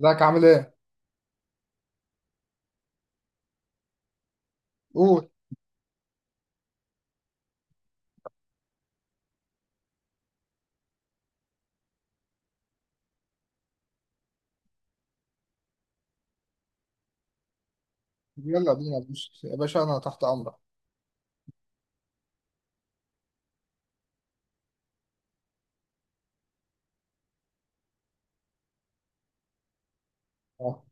ازيك عامل ايه؟ قول. يلا بينا، بص يا باشا انا تحت امرك. اه.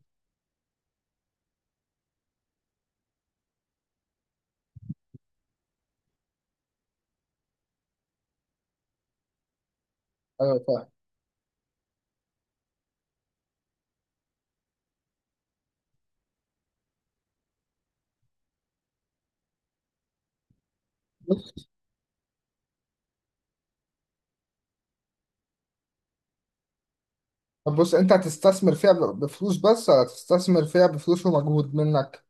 ايوه، فاهم. بص. طب بص، انت هتستثمر فيها بفلوس بس ولا هتستثمر فيها بفلوس ومجهود منك؟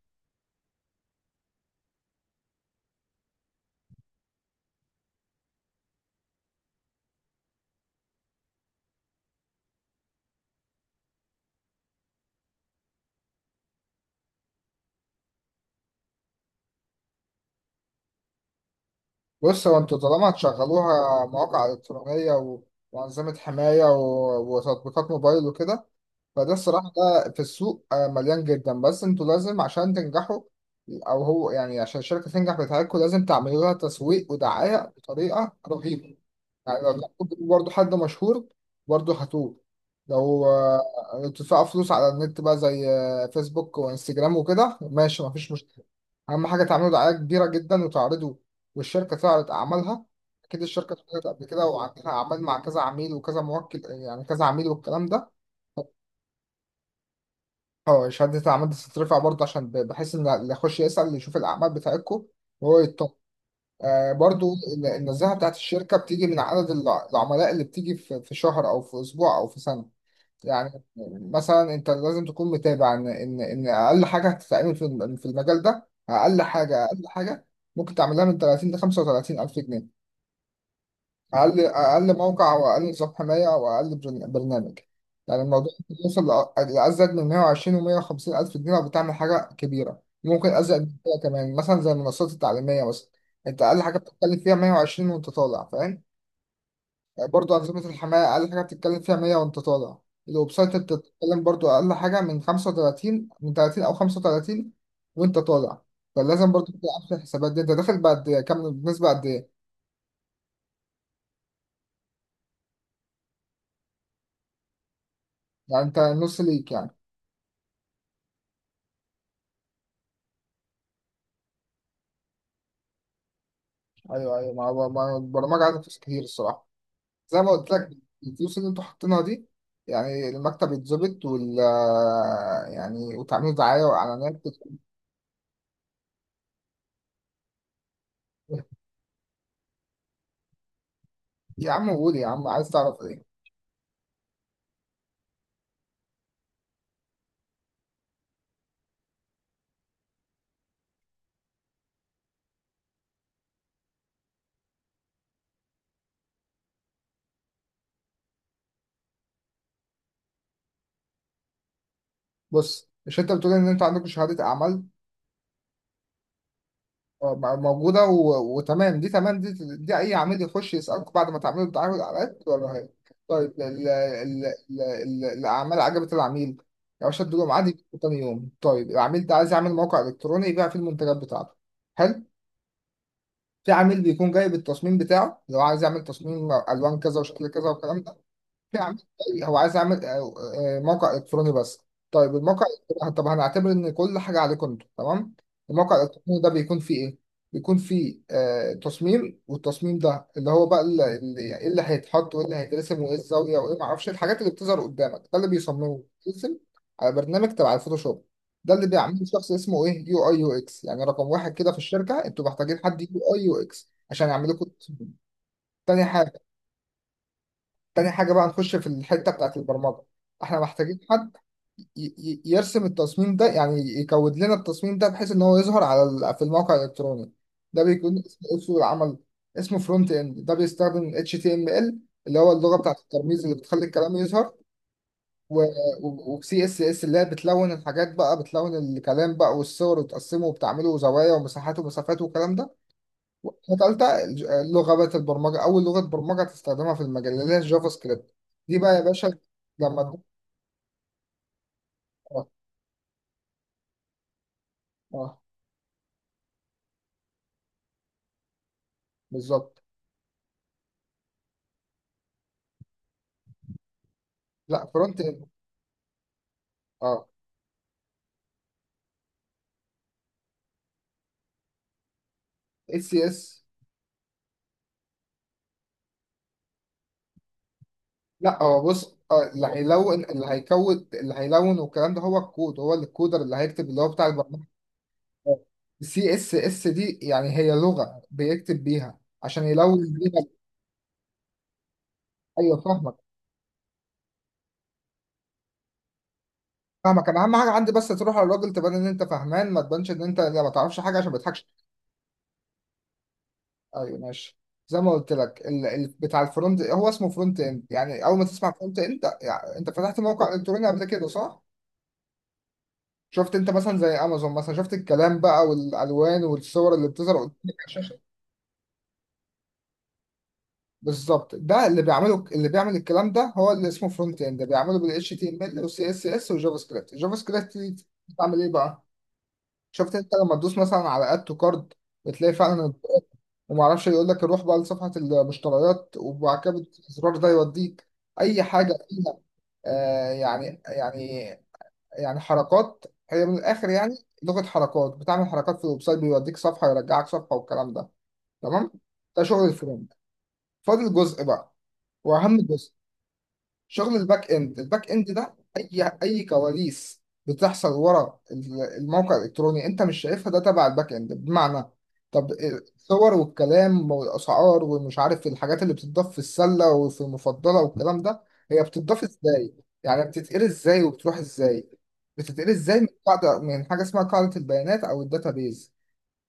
بص، هو انتوا طالما هتشغلوها مواقع الكترونيه وانظمه حمايه وتطبيقات موبايل وكده، فده الصراحة، ده في السوق مليان جدا. بس انتوا لازم عشان تنجحوا، او هو يعني عشان الشركة تنجح بتاعتكم، لازم تعملوا لها تسويق ودعاية بطريقة رهيبة. يعني لو تلاقوا برضه حد مشهور برضه هتوه. لو تدفعوا فلوس على النت بقى زي فيسبوك وانستجرام وكده، ماشي، مفيش مشكلة. أهم حاجة تعملوا دعاية كبيرة جدا وتعرضوا، والشركة تعرض أعمالها. أكيد الشركة اتعرضت قبل كده وعندها أعمال مع كذا عميل وكذا موكل، يعني كذا عميل والكلام ده. اه، شهادة الأعمال دي تترفع برضه عشان بحيث إن اللي يخش يسأل يشوف الأعمال بتاعتكم وهو يطمن. آه، برضه النزاهة بتاعت الشركة بتيجي من عدد العملاء اللي بتيجي في شهر أو في أسبوع أو في سنة. يعني مثلا أنت لازم تكون متابع إن أقل حاجة هتتعمل في المجال ده. أقل حاجة ممكن تعملها من 30 ل 35 ألف جنيه. اقل، اقل موقع او اقل نظام حمايه او اقل برنامج. يعني الموضوع ممكن يوصل لازيد من 120 و150 الف جنيه، لو بتعمل حاجه كبيره ممكن ازيد من كده كمان، مثلا زي المنصات التعليميه مثلا. انت اقل حاجه بتتكلم فيها 120 وانت طالع، فاهم. يعني برضو انظمه الحمايه اقل حاجه بتتكلم فيها 100 وانت طالع. الويب سايت انت بتتكلم برضو اقل حاجه من 35، من 30 او 35 وانت طالع. فلازم برضو تبقى عارف الحسابات دي، انت داخل بعد كام، بنسبه قد ايه. يعني انت نص ليك يعني. ايوه ايوه، ما هو البرمجه عايزه فلوس كتير الصراحه، زي ما قلت لك. الفلوس اللي انتوا حاطينها دي، يعني المكتب يتظبط وال آه، يعني وتعملوا دعايه واعلانات. يا عم قول، يا عم عايز تعرف ايه؟ بص، مش انت بتقول ان انت عندك شهاده اعمال؟ موجودة وتمام. دي تمام، دي أي عميل يخش يسألكم بعد ما تعملوا الدعاية والإعلانات، ولا هي؟ طيب الأعمال عجبت العميل، يا باشا ادوا له ميعاد يجيبوا تاني يوم. طيب العميل ده عايز يعمل موقع إلكتروني يبيع فيه المنتجات بتاعته، حلو. في عميل بيكون جايب التصميم بتاعه، لو عايز يعمل تصميم ألوان كذا وشكل كذا والكلام. يا عم، هو عايز يعمل موقع الكتروني بس. طيب الموقع طب هنعتبر ان كل حاجه عليكم انتوا، تمام. الموقع الالكتروني ده بيكون فيه ايه؟ بيكون فيه آه تصميم، والتصميم ده اللي هو بقى ايه اللي هيتحط وايه اللي هيترسم وايه الزاويه وايه، ما اعرفش الحاجات اللي بتظهر قدامك، ده اللي بيصممه بيترسم على برنامج تبع الفوتوشوب. ده اللي بيعمله شخص اسمه ايه؟ يو اي، يو اكس. يعني رقم واحد كده في الشركه، انتوا محتاجين حد يو اي يو اكس عشان يعمل لكم. تاني حاجه، تاني حاجة بقى هنخش في الحتة بتاعت البرمجة. احنا محتاجين حد يرسم التصميم ده، يعني يكود لنا التصميم ده بحيث ان هو يظهر على في الموقع الالكتروني. ده بيكون اسمه إيه سوق العمل؟ اسمه فرونت اند. ده بيستخدم HTML اللي هو اللغة بتاعت الترميز اللي بتخلي الكلام يظهر، و وسي اس اس اللي هي بتلون الحاجات بقى، بتلون الكلام بقى والصور، وتقسمه وبتعمله زوايا ومساحات ومسافات والكلام ده. تالتة، لغة بقت البرمجة، أول لغة برمجة هتستخدمها في المجال، اللي هي الجافا سكريبت. دي بقى يا باشا لما اه، اه، بالظبط. لا، فرونت اند. اه. اس سي اس. لا، هو بص، آه اللي هيلون، اللي هيكود، اللي هيلون والكلام ده هو الكود، هو اللي الكودر اللي هيكتب، اللي هو بتاع البرمجة. السي اس اس دي يعني هي لغة بيكتب بيها عشان يلون بيها. ايوه، فاهمك. انا اهم حاجة عندي بس تروح على الراجل تبان ان انت فاهمان ما تبانش ان انت ما تعرفش حاجة عشان ما يضحكش. ايوه ماشي. زي ما قلت لك بتاع الفرونت هو اسمه فرونت اند. يعني اول ما تسمع فرونت اند، يعني انت فتحت موقع الكتروني قبل كده، صح؟ شفت انت مثلا زي امازون مثلا، شفت الكلام بقى والالوان والصور اللي بتظهر قدامك على الشاشه؟ بالظبط، ده اللي بيعمله، اللي بيعمل الكلام ده هو اللي اسمه فرونت اند، بيعمله بال HTML وال CSS والجافا سكريبت. الجافا سكريبت دي بتعمل ايه بقى؟ شفت انت لما تدوس مثلا على اد تو كارد، بتلاقي فعلا البطاقة، وما اعرفش يقول لك روح بقى لصفحه المشتريات، وبعد كده الزرار ده يوديك اي حاجه فيها. آه يعني يعني يعني حركات، هي من الاخر يعني لغه حركات بتعمل حركات في الويب سايت، بيوديك صفحه، يرجعك صفحه والكلام ده، تمام. ده شغل الفريم. فاضل جزء بقى، واهم جزء، شغل الباك اند. الباك اند ده اي كواليس بتحصل ورا الموقع الالكتروني، انت مش شايفها، ده تبع الباك اند. بمعنى طب الصور والكلام والاسعار ومش عارف الحاجات اللي بتضاف في السله وفي المفضله والكلام ده، هي بتضاف ازاي؟ يعني بتتقري ازاي وبتروح ازاي؟ بتتقري ازاي من قاعده، من حاجه اسمها قاعده البيانات، او الداتابيز.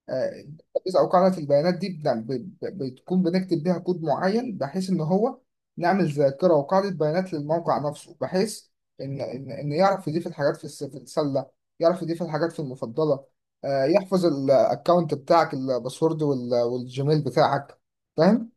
الترابيزه او قاعده البيانات دي بتكون بنكتب بيها كود معين، بحيث ان هو نعمل ذاكره وقاعده بيانات للموقع نفسه، بحيث ان ان إن يعرف يضيف الحاجات في السله، يعرف يضيف الحاجات في المفضله، يحفظ الاكونت بتاعك، الباسورد والجيميل بتاعك، فاهم.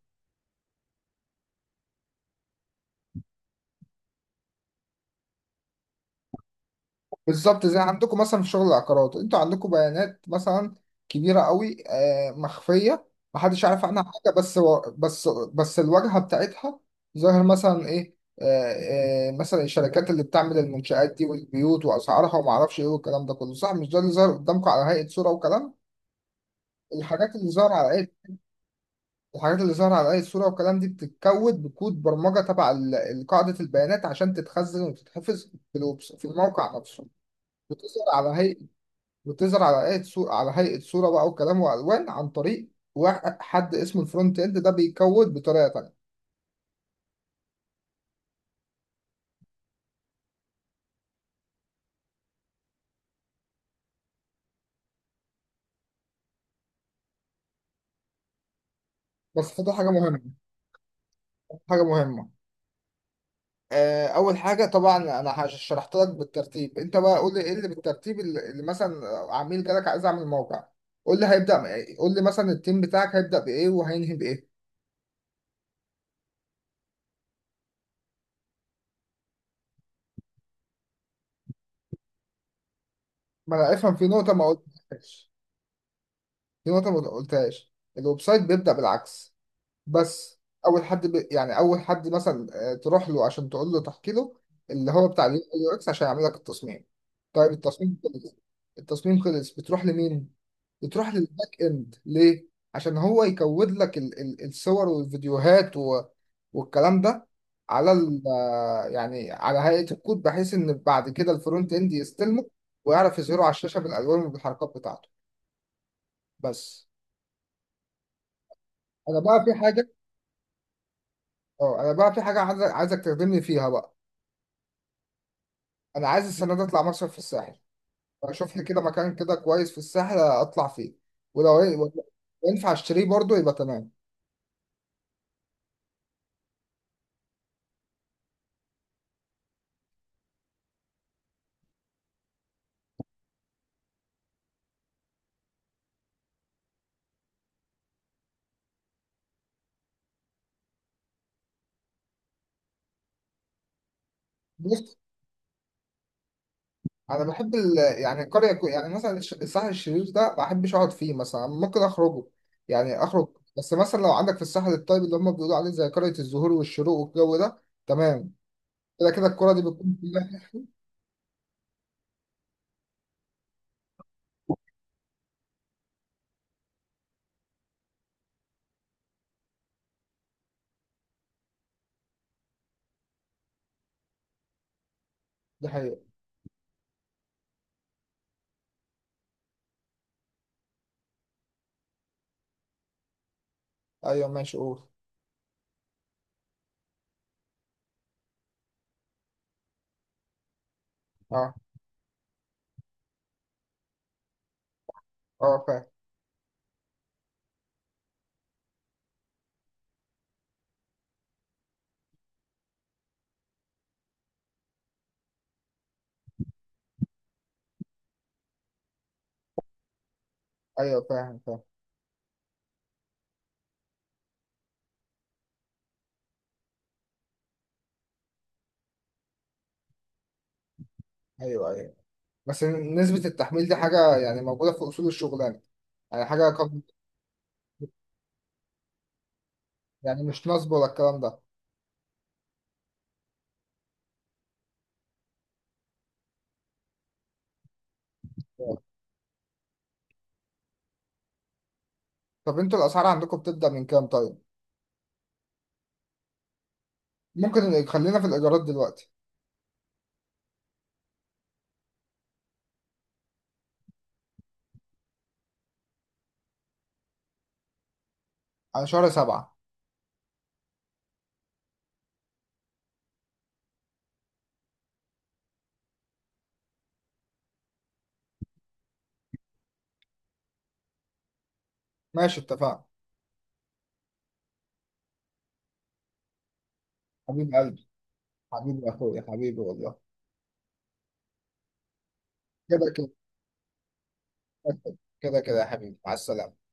بالظبط، زي عندكم مثلا في شغل العقارات، انتوا عندكم بيانات مثلا كبيره قوي مخفيه، محدش عارف عنها حاجه، بس و- بس بس الواجهه بتاعتها ظاهر مثلا ايه، مثلا الشركات اللي بتعمل المنشآت دي والبيوت واسعارها، وما اعرفش ايه والكلام ده كله، صح؟ مش ده اللي ظاهر قدامكم على هيئه صوره وكلام؟ الحاجات اللي ظاهره على هيئه الحاجات اللي ظاهره على هيئه صوره وكلام دي بتتكود بكود برمجه تبع قاعده البيانات، عشان تتخزن وتتحفظ في الموقع نفسه. بتظهر على هيئه بتظهر على هيئة صورة على هيئة صورة بقى وكلام وألوان، عن طريق واحد، حد اسمه الفرونت إند، ده بيكود بطريقة تانية. بس فده حاجة مهمة، حاجة مهمة. أول حاجة طبعا، أنا شرحت لك بالترتيب. أنت بقى قول لي إيه اللي بالترتيب، اللي مثلا عميل جالك عايز أعمل موقع، قول لي هيبدأ بإيه. قول لي مثلا التيم بتاعك هيبدأ بإيه وهينهي بإيه. ما أنا أفهم في نقطة ما قلتهاش. الويب سايت بيبدأ بالعكس، بس. اول حد يعني اول حد مثلا تروح له عشان تقول له، تحكي له اللي هو بتاع اليو اكس عشان يعمل لك التصميم. طيب التصميم خلص، التصميم خلص، بتروح لمين؟ بتروح للباك اند. ليه؟ عشان هو يكود لك الصور والفيديوهات والكلام ده على ال... آه، يعني على هيئة الكود، بحيث ان بعد كده الفرونت اند يستلمه، ويعرف يظهره على الشاشة بالالوان وبالحركات بتاعته، بس. انا بقى في حاجة، اه انا بقى في حاجة عايزك تخدمني فيها بقى. انا عايز السنه دي اطلع مصيف في الساحل، اشوف لي كده مكان كده كويس في الساحل اطلع فيه، ولو ينفع اشتريه برضه يبقى تمام. بص، انا بحب يعني القريه يعني مثلا الساحل الشرير ده، ما بحبش اقعد فيه مثلا، ممكن اخرجه يعني، اخرج. بس مثلا لو عندك في الساحل الطيب اللي هم بيقولوا عليه، زي قريه الزهور والشروق والجو ده تمام. كده كده الكره دي بتكون كلها. دي حقيقه. ايوه ماشي، قول. اه، اه، فاهم. ايوه فاهم، فاهم. ايوه، ايوه. بس نسبه التحميل دي حاجه يعني موجوده في اصول الشغلانه، يعني حاجة يعني مش نصب ولا الكلام ده. طب انتوا الأسعار عندكم بتبدأ من كام طيب؟ ممكن خلينا في الإيجارات دلوقتي. على شهر سبعة. ماشي، اتفقنا. حبيب قلبي، حبيبي يا أخويا، حبيبي والله. كده كده، كده كده يا حبيبي، مع السلامة.